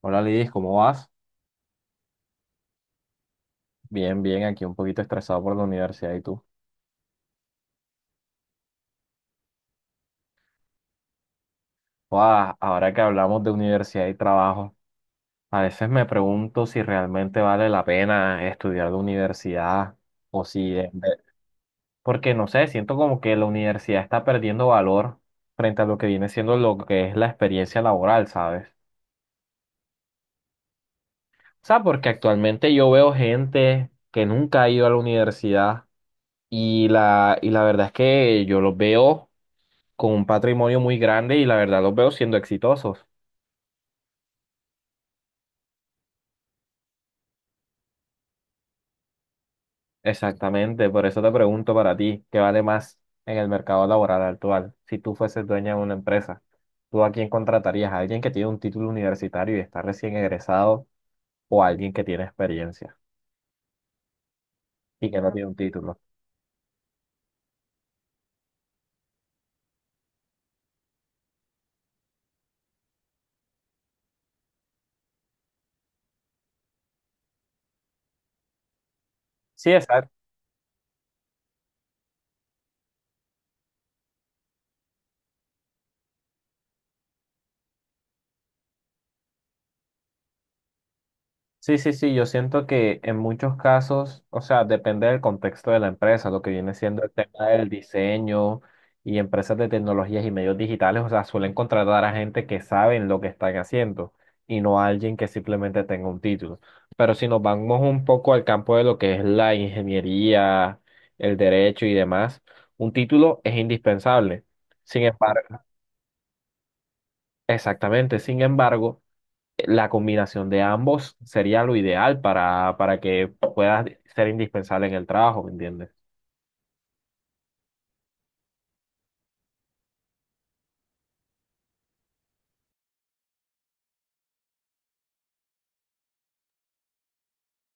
Hola Lidis, ¿cómo vas? Bien, bien, aquí un poquito estresado por la universidad y tú. Guau, ahora que hablamos de universidad y trabajo, a veces me pregunto si realmente vale la pena estudiar la universidad o si, porque no sé, siento como que la universidad está perdiendo valor frente a lo que viene siendo lo que es la experiencia laboral, ¿sabes? O sea, porque actualmente yo veo gente que nunca ha ido a la universidad y la verdad es que yo los veo con un patrimonio muy grande y la verdad los veo siendo exitosos. Exactamente, por eso te pregunto, para ti, ¿qué vale más en el mercado laboral actual? Si tú fueses dueña de una empresa, ¿tú a quién contratarías? ¿A alguien que tiene un título universitario y está recién egresado o a alguien que tiene experiencia y que no tiene un título? Sí, exacto. Sí, sí, sí, yo siento que en muchos casos, o sea, depende del contexto de la empresa. Lo que viene siendo el tema del diseño y empresas de tecnologías y medios digitales, o sea, suelen contratar a gente que saben lo que están haciendo y no a alguien que simplemente tenga un título. Pero si nos vamos un poco al campo de lo que es la ingeniería, el derecho y demás, un título es indispensable. Sin embargo, exactamente, sin embargo, la combinación de ambos sería lo ideal para que puedas ser indispensable en el trabajo, ¿me entiendes?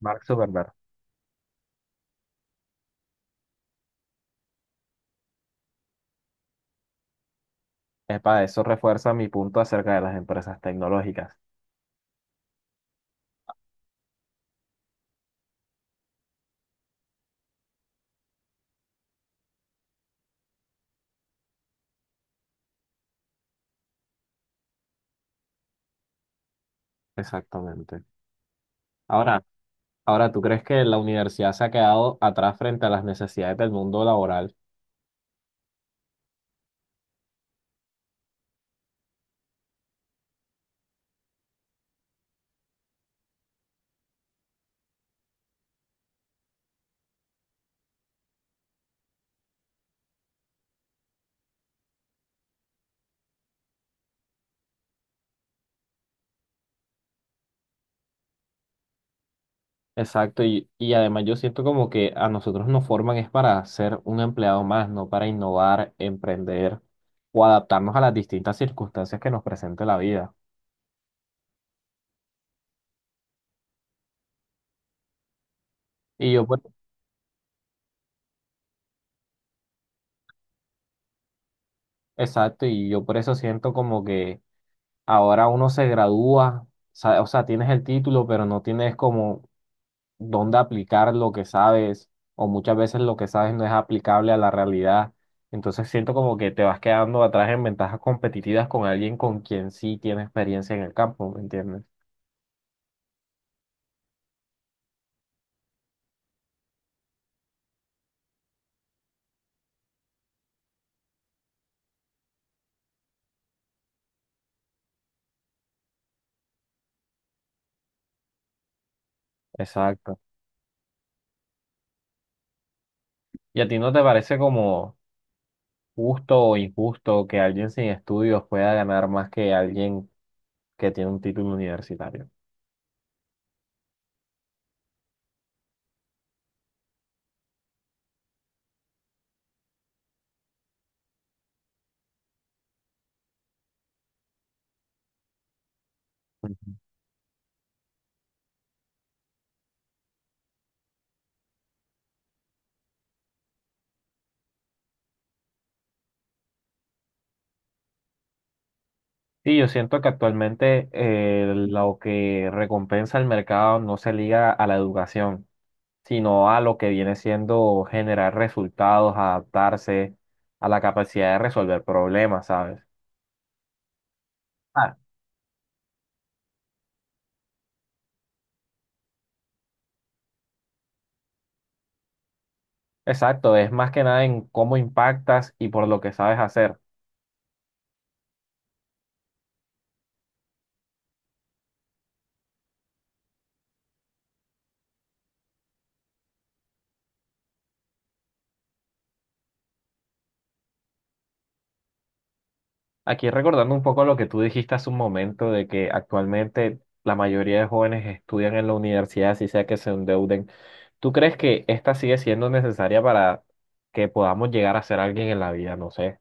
Mark Zuckerberg. Para eso refuerza mi punto acerca de las empresas tecnológicas. Exactamente. Ahora, ahora, ¿tú crees que la universidad se ha quedado atrás frente a las necesidades del mundo laboral? Exacto, y además yo siento como que a nosotros nos forman es para ser un empleado más, no para innovar, emprender o adaptarnos a las distintas circunstancias que nos presente la vida. Y yo, por… Exacto, y yo por eso siento como que ahora uno se gradúa, o sea, tienes el título, pero no tienes como dónde aplicar lo que sabes, o muchas veces lo que sabes no es aplicable a la realidad. Entonces siento como que te vas quedando atrás en ventajas competitivas con alguien con quien sí tiene experiencia en el campo, ¿me entiendes? Exacto. ¿Y a ti no te parece como justo o injusto que alguien sin estudios pueda ganar más que alguien que tiene un título universitario? Sí, yo siento que actualmente lo que recompensa el mercado no se liga a la educación, sino a lo que viene siendo generar resultados, adaptarse a la capacidad de resolver problemas, ¿sabes? Ah, exacto, es más que nada en cómo impactas y por lo que sabes hacer. Aquí recordando un poco lo que tú dijiste hace un momento, de que actualmente la mayoría de jóvenes estudian en la universidad, así sea que se endeuden, ¿tú crees que esta sigue siendo necesaria para que podamos llegar a ser alguien en la vida? No sé.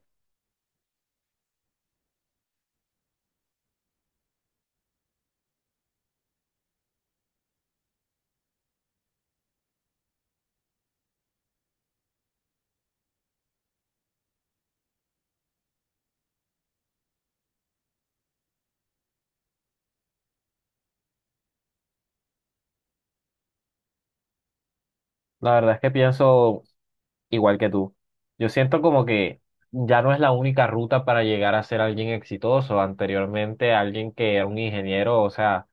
La verdad es que pienso igual que tú. Yo siento como que ya no es la única ruta para llegar a ser alguien exitoso. Anteriormente, alguien que era un ingeniero, o sea,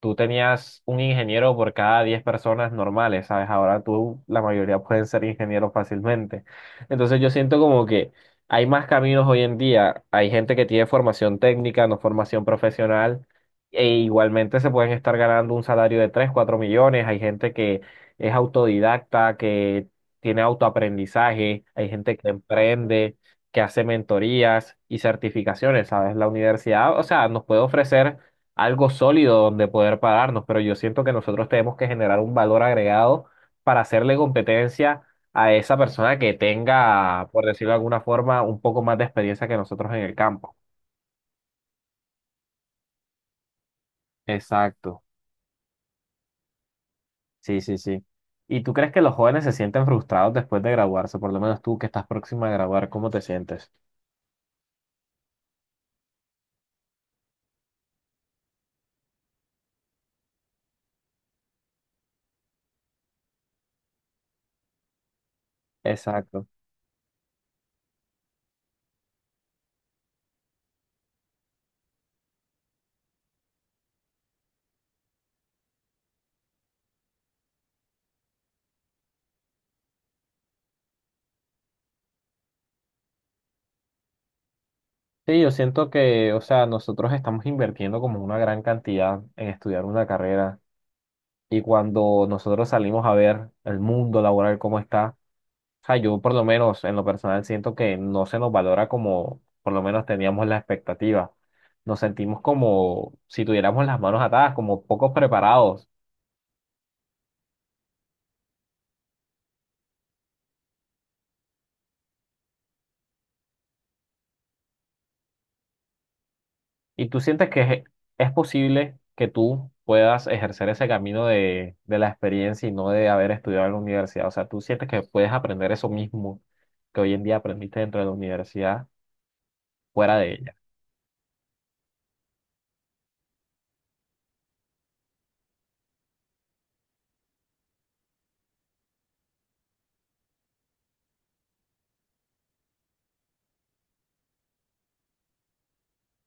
tú tenías un ingeniero por cada 10 personas normales, ¿sabes? Ahora tú, la mayoría pueden ser ingenieros fácilmente. Entonces yo siento como que hay más caminos hoy en día. Hay gente que tiene formación técnica, no formación profesional, e igualmente se pueden estar ganando un salario de 3 o 4 millones. Hay gente que es autodidacta, que tiene autoaprendizaje, hay gente que emprende, que hace mentorías y certificaciones, ¿sabes? La universidad, o sea, nos puede ofrecer algo sólido donde poder pararnos, pero yo siento que nosotros tenemos que generar un valor agregado para hacerle competencia a esa persona que tenga, por decirlo de alguna forma, un poco más de experiencia que nosotros en el campo. Exacto. Sí, sí, sí. ¿Y tú crees que los jóvenes se sienten frustrados después de graduarse? Por lo menos tú que estás próxima a graduar, ¿cómo te sientes? Exacto. Sí, yo siento que, o sea, nosotros estamos invirtiendo como una gran cantidad en estudiar una carrera y cuando nosotros salimos a ver el mundo laboral cómo está… O sea, yo por lo menos, en lo personal, siento que no se nos valora como por lo menos teníamos la expectativa. Nos sentimos como si tuviéramos las manos atadas, como pocos preparados. Y tú sientes que es posible que tú puedas ejercer ese camino de la experiencia y no de haber estudiado en la universidad. O sea, tú sientes que puedes aprender eso mismo que hoy en día aprendiste dentro de la universidad, fuera de ella.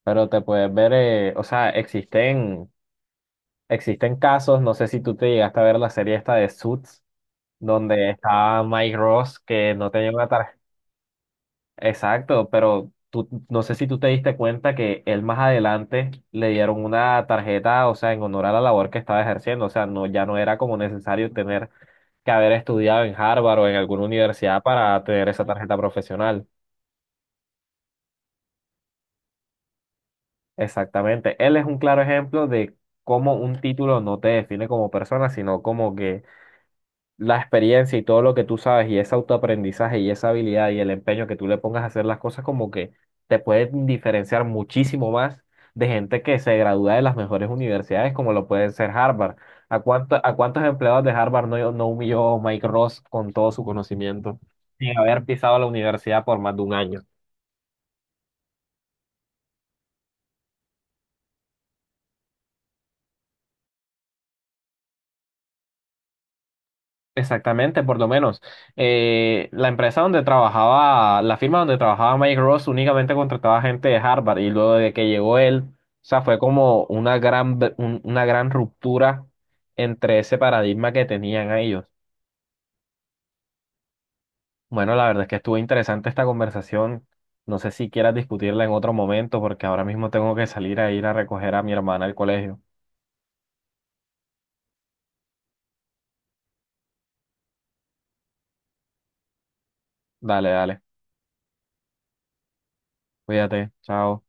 Pero te puedes ver, o sea, existen casos, no sé si tú te llegaste a ver la serie esta de Suits donde estaba Mike Ross, que no tenía una tarjeta. Exacto, pero tú, no sé si tú te diste cuenta que él más adelante le dieron una tarjeta, o sea, en honor a la labor que estaba ejerciendo. O sea, no, ya no era como necesario tener que haber estudiado en Harvard o en alguna universidad para tener esa tarjeta profesional. Exactamente. Él es un claro ejemplo de cómo un título no te define como persona, sino como que la experiencia y todo lo que tú sabes y ese autoaprendizaje y esa habilidad y el empeño que tú le pongas a hacer las cosas como que te pueden diferenciar muchísimo más de gente que se gradúa de las mejores universidades como lo pueden ser Harvard. ¿A a cuántos empleados de Harvard no, no humilló Mike Ross con todo su conocimiento sin haber pisado la universidad por más de un año? Exactamente, por lo menos. La empresa donde trabajaba, la firma donde trabajaba Mike Ross únicamente contrataba gente de Harvard y luego de que llegó él, o sea, fue como una gran, una gran ruptura entre ese paradigma que tenían a ellos. Bueno, la verdad es que estuvo interesante esta conversación. No sé si quieras discutirla en otro momento porque ahora mismo tengo que salir a ir a recoger a mi hermana al colegio. Dale, dale. Cuídate. Chao.